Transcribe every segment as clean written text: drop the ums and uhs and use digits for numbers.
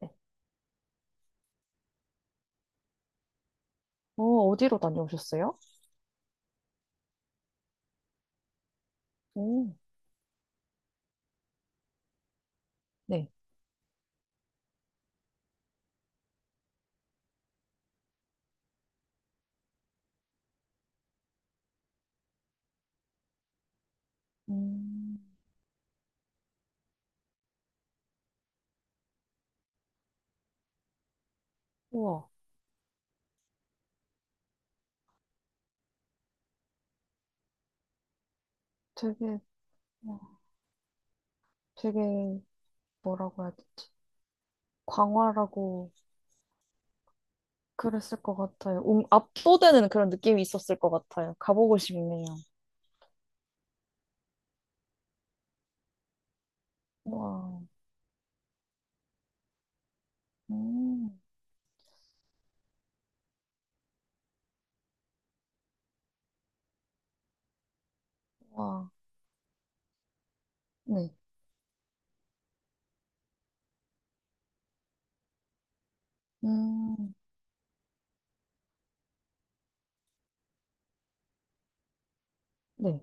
네. 어, 어디로 다녀오셨어요? 오, 네. 음, 우와, 되게, 와, 되게, 뭐라고 해야 되지? 광활하고 그랬을 것 같아요. 압도되는 그런 느낌이 있었을 것 같아요. 가보고 싶네요. 와. 음, 와. 네, 음, 네,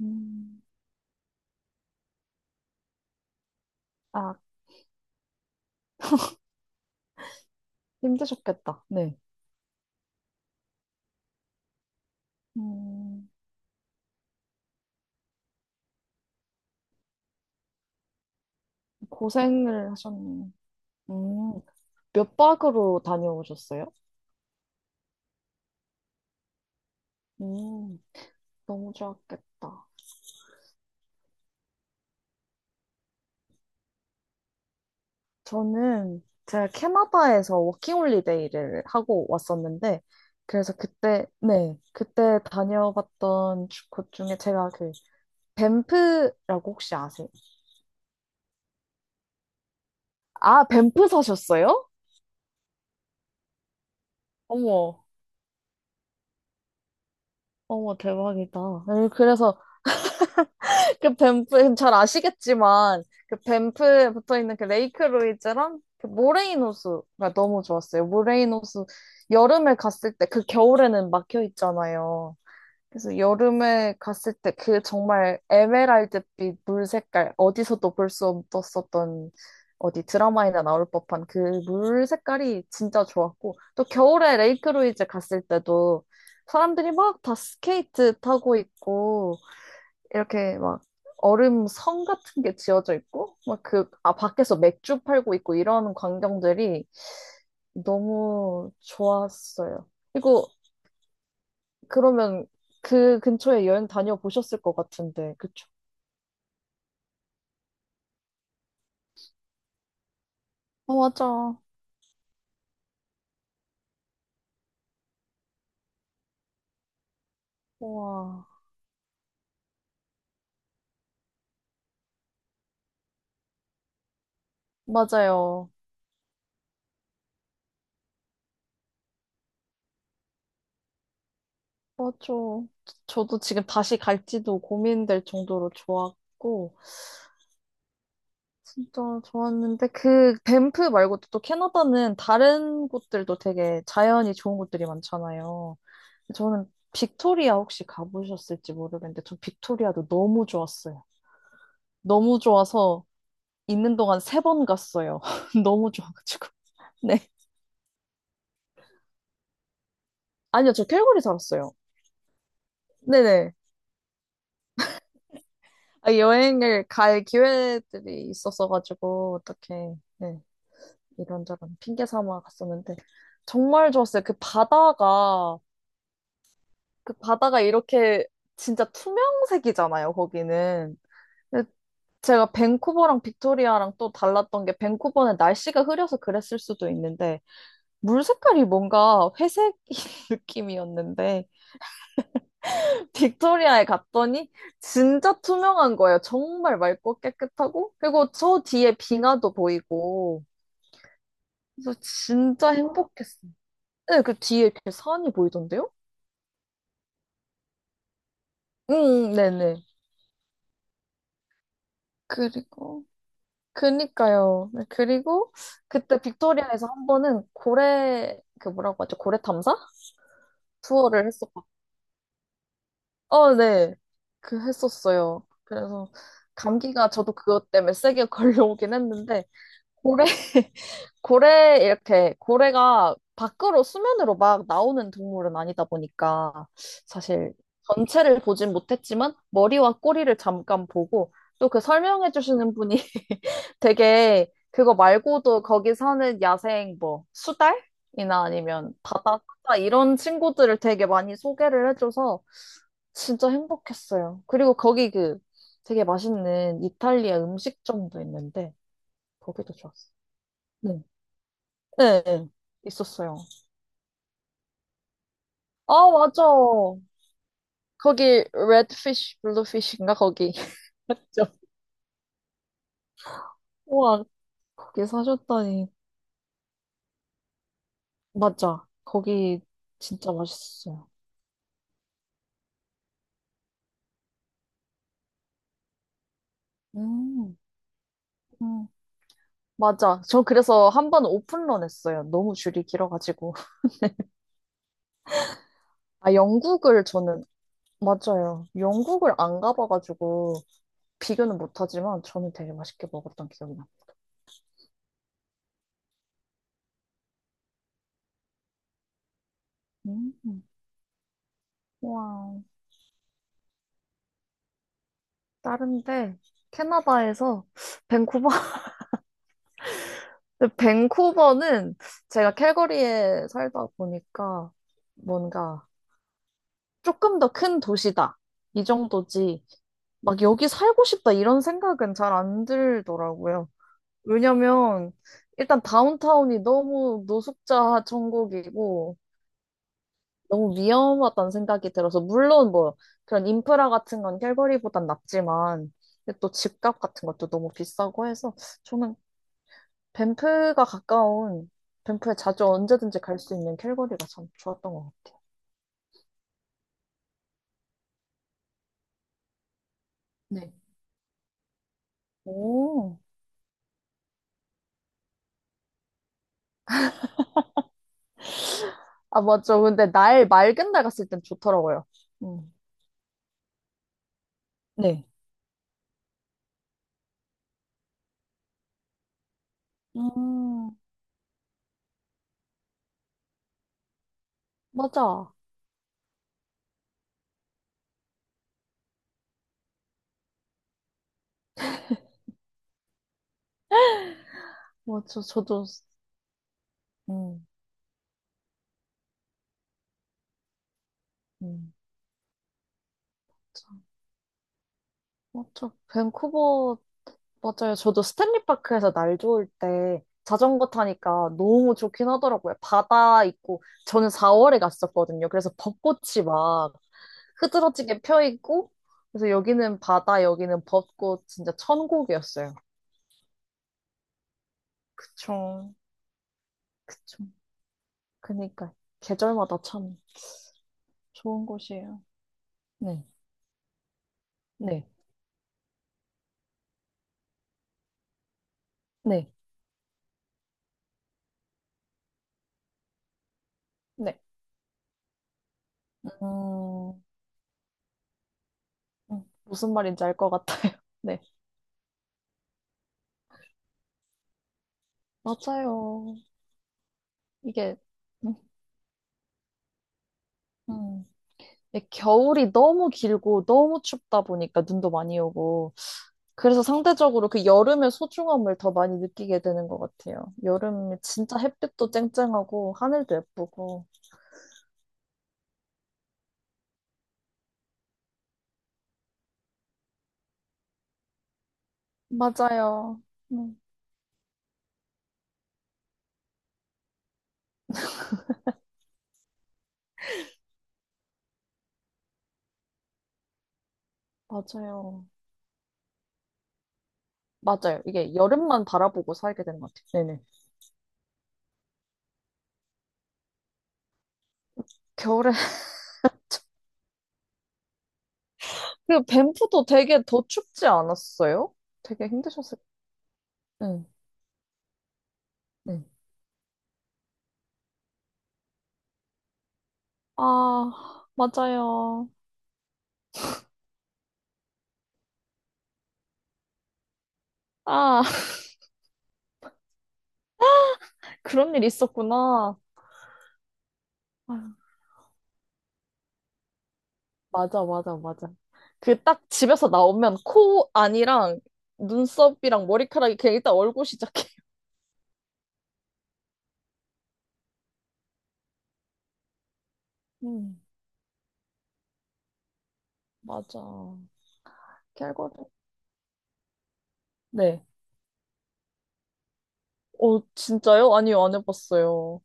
음, 아, 힘드셨겠다. 네, 음, 고생을 하셨네요. 음, 몇 박으로 다녀오셨어요? 음, 너무 좋았겠다. 저는 제가 캐나다에서 워킹홀리데이를 하고 왔었는데, 그래서 그때, 네, 그때 다녀봤던 곳 중에 제가 그, 밴프라고 혹시 아세요? 아, 밴프 사셨어요? 어머, 어머, 대박이다. 아니, 그래서 그 밴프, 잘 아시겠지만, 그 밴프에 붙어 있는 그 레이크 루이즈랑 그 모레이노스가 너무 좋았어요. 모레이노스 여름에 갔을 때, 그 겨울에는 막혀 있잖아요. 그래서 여름에 갔을 때 그 정말 에메랄드빛 물 색깔, 어디서도 볼 수 없었던 어디 드라마에나 나올 법한 그 물 색깔이 진짜 좋았고, 또 겨울에 레이크루이즈 갔을 때도 사람들이 막 다 스케이트 타고 있고, 이렇게 막 얼음 성 같은 게 지어져 있고, 막 그, 아, 밖에서 맥주 팔고 있고 이런 광경들이 너무 좋았어요. 그리고 그러면 그 근처에 여행 다녀보셨을 것 같은데, 그쵸? 어, 맞아. 와, 맞아요. 맞아. 저도 지금 다시 갈지도 고민될 정도로 좋았고, 진짜 좋았는데, 그 밴프 말고도 또 캐나다는 다른 곳들도 되게 자연이 좋은 곳들이 많잖아요. 저는 빅토리아 혹시 가보셨을지 모르겠는데, 전 빅토리아도 너무 좋았어요. 너무 좋아서 있는 동안 세 번 갔어요. 너무 좋아가지고. 네. 아니요, 저 캘거리 살았어요. 네네. 아, 여행을 갈 기회들이 있었어가지고, 어떻게, 네, 이런저런 핑계 삼아 갔었는데, 정말 좋았어요. 그 바다가, 그 바다가 이렇게 진짜 투명색이잖아요, 거기는. 근데 제가 밴쿠버랑 빅토리아랑 또 달랐던 게, 밴쿠버는 날씨가 흐려서 그랬을 수도 있는데, 물 색깔이 뭔가 회색 느낌이었는데, 빅토리아에 갔더니 진짜 투명한 거예요. 정말 맑고 깨끗하고 그리고 저 뒤에 빙하도 보이고 그래서 진짜 행복했어요. 네, 그 뒤에 이렇게 산이 보이던데요? 응, 응, 네네. 그리고 그니까요. 네, 그리고 그때 빅토리아에서 한 번은 고래 그 뭐라고 하죠? 고래 탐사 투어를 했었고, 어, 네, 그 했었어요. 그래서 감기가 저도 그것 때문에 세게 걸려오긴 했는데 고래 고래, 이렇게, 고래가 밖으로 수면으로 막 나오는 동물은 아니다 보니까, 사실 전체를 보진 못했지만, 머리와 꼬리를 잠깐 보고, 또 그 설명해 주시는 분이 되게, 그거 말고도 거기 사는 야생 뭐, 수달이나 아니면 바다, 사자 이런 친구들을 되게 많이 소개를 해줘서, 진짜 행복했어요. 그리고 거기 그 되게 맛있는 이탈리아 음식점도 있는데, 거기도 좋았어요. 네. 네, 있었어요. 아, 맞아. 거기 레드피쉬, 블루피쉬인가 거기. 저- 우와, 거기 사셨다니. 맞아. 거기 진짜 맛있었어요. 음, 음. 맞아. 저 그래서 한 번 오픈런 했어요. 너무 줄이 길어가지고. 아, 영국을 저는, 맞아요. 영국을 안 가봐가지고 비교는 못하지만 저는 되게 맛있게 먹었던 기억이 나요. 음, 와, 다른데 캐나다에서 밴쿠버 근데 밴쿠버는 제가 캘거리에 살다 보니까 뭔가 조금 더 큰 도시다. 이 정도지. 막 여기 살고 싶다 이런 생각은 잘 안 들더라고요. 왜냐면 일단 다운타운이 너무 노숙자 천국이고 너무 위험하다는 생각이 들어서 물론 뭐 그런 인프라 같은 건 캘거리보단 낫지만 근데 또 집값 같은 것도 너무 비싸고 해서 저는 밴프가 가까운, 밴프에 자주 언제든지 갈 수 있는 캘거리가 참 좋았던 것 같아요. 네. 오. 아, 맞죠. 근데 날, 맑은 날 갔을 땐 좋더라고요. 음. 네. 음, 맞아. 맞죠. 저도, 음, 음. 참, 맞죠. 밴쿠버, 맞아요. 저도 스탠리 파크에서 날 좋을 때 자전거 타니까 너무 좋긴 하더라고요. 바다 있고, 저는 4월에 갔었거든요. 그래서 벚꽃이 막, 흐드러지게 펴 있고 그래서 여기는 바다, 여기는 벚꽃 진짜 천국이었어요. 그쵸. 그쵸. 그니까 계절마다 참 좋은 곳이에요. 네, 네, 네, 네. 음, 무슨 말인지 알 것 같아요. 네, 맞아요. 이게 음, 음. 이게 겨울이 너무 길고 너무 춥다 보니까 눈도 많이 오고 그래서 상대적으로 그 여름의 소중함을 더 많이 느끼게 되는 것 같아요. 여름에 진짜 햇빛도 쨍쨍하고 하늘도 예쁘고. 맞아요. 음, 맞아요. 맞아요. 이게 여름만 바라보고 살게 되는 것 같아요. 네네. 겨울에 그 밴프도 되게 더 춥지 않았어요? 되게 힘드셨을. 응. 응. 아, 맞아요. 아, 그런 일 있었구나. 아, 맞아, 맞아, 맞아. 그 딱 집에서 나오면 코 안이랑 눈썹이랑 머리카락이 그냥 일단 얼굴 시작해. 음, 맞아. 캘거리. 네. 어, 진짜요? 아니요, 안 해봤어요.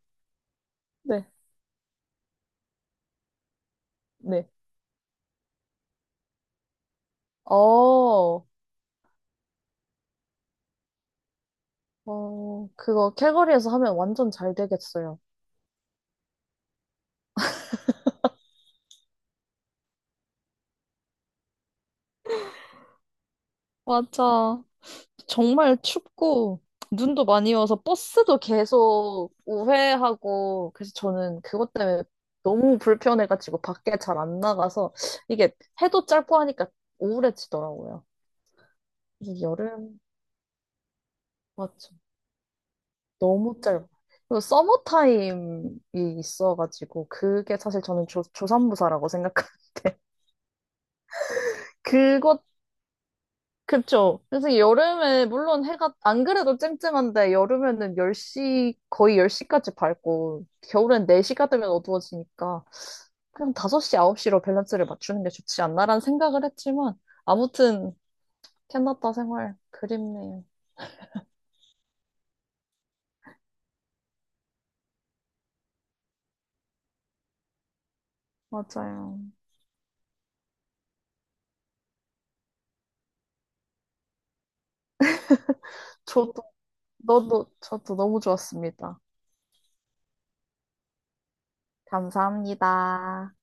네, 네. 어, 어, 그거 캘거리에서 하면 완전 잘 되겠어요. 맞아. 정말 춥고 눈도 많이 와서 버스도 계속 우회하고 그래서 저는 그것 때문에 너무 불편해가지고 밖에 잘 안 나가서 이게 해도 짧고 하니까 우울해지더라고요. 이게 여름 맞죠? 너무 짧아. 그리고 서머 타임이 있어가지고 그게 사실 저는 조, 조산무사라고 생각하는데 그것 그쵸. 그래서 여름에, 물론 해가, 안 그래도 쨍쨍한데, 여름에는 10시, 거의 10시까지 밝고, 겨울엔 4시가 되면 어두워지니까, 그냥 5시, 9시로 밸런스를 맞추는 게 좋지 않나라는 생각을 했지만, 아무튼, 캐나다 생활 그립네요. 맞아요. 저도, 너도, 저도 너무 좋았습니다. 감사합니다.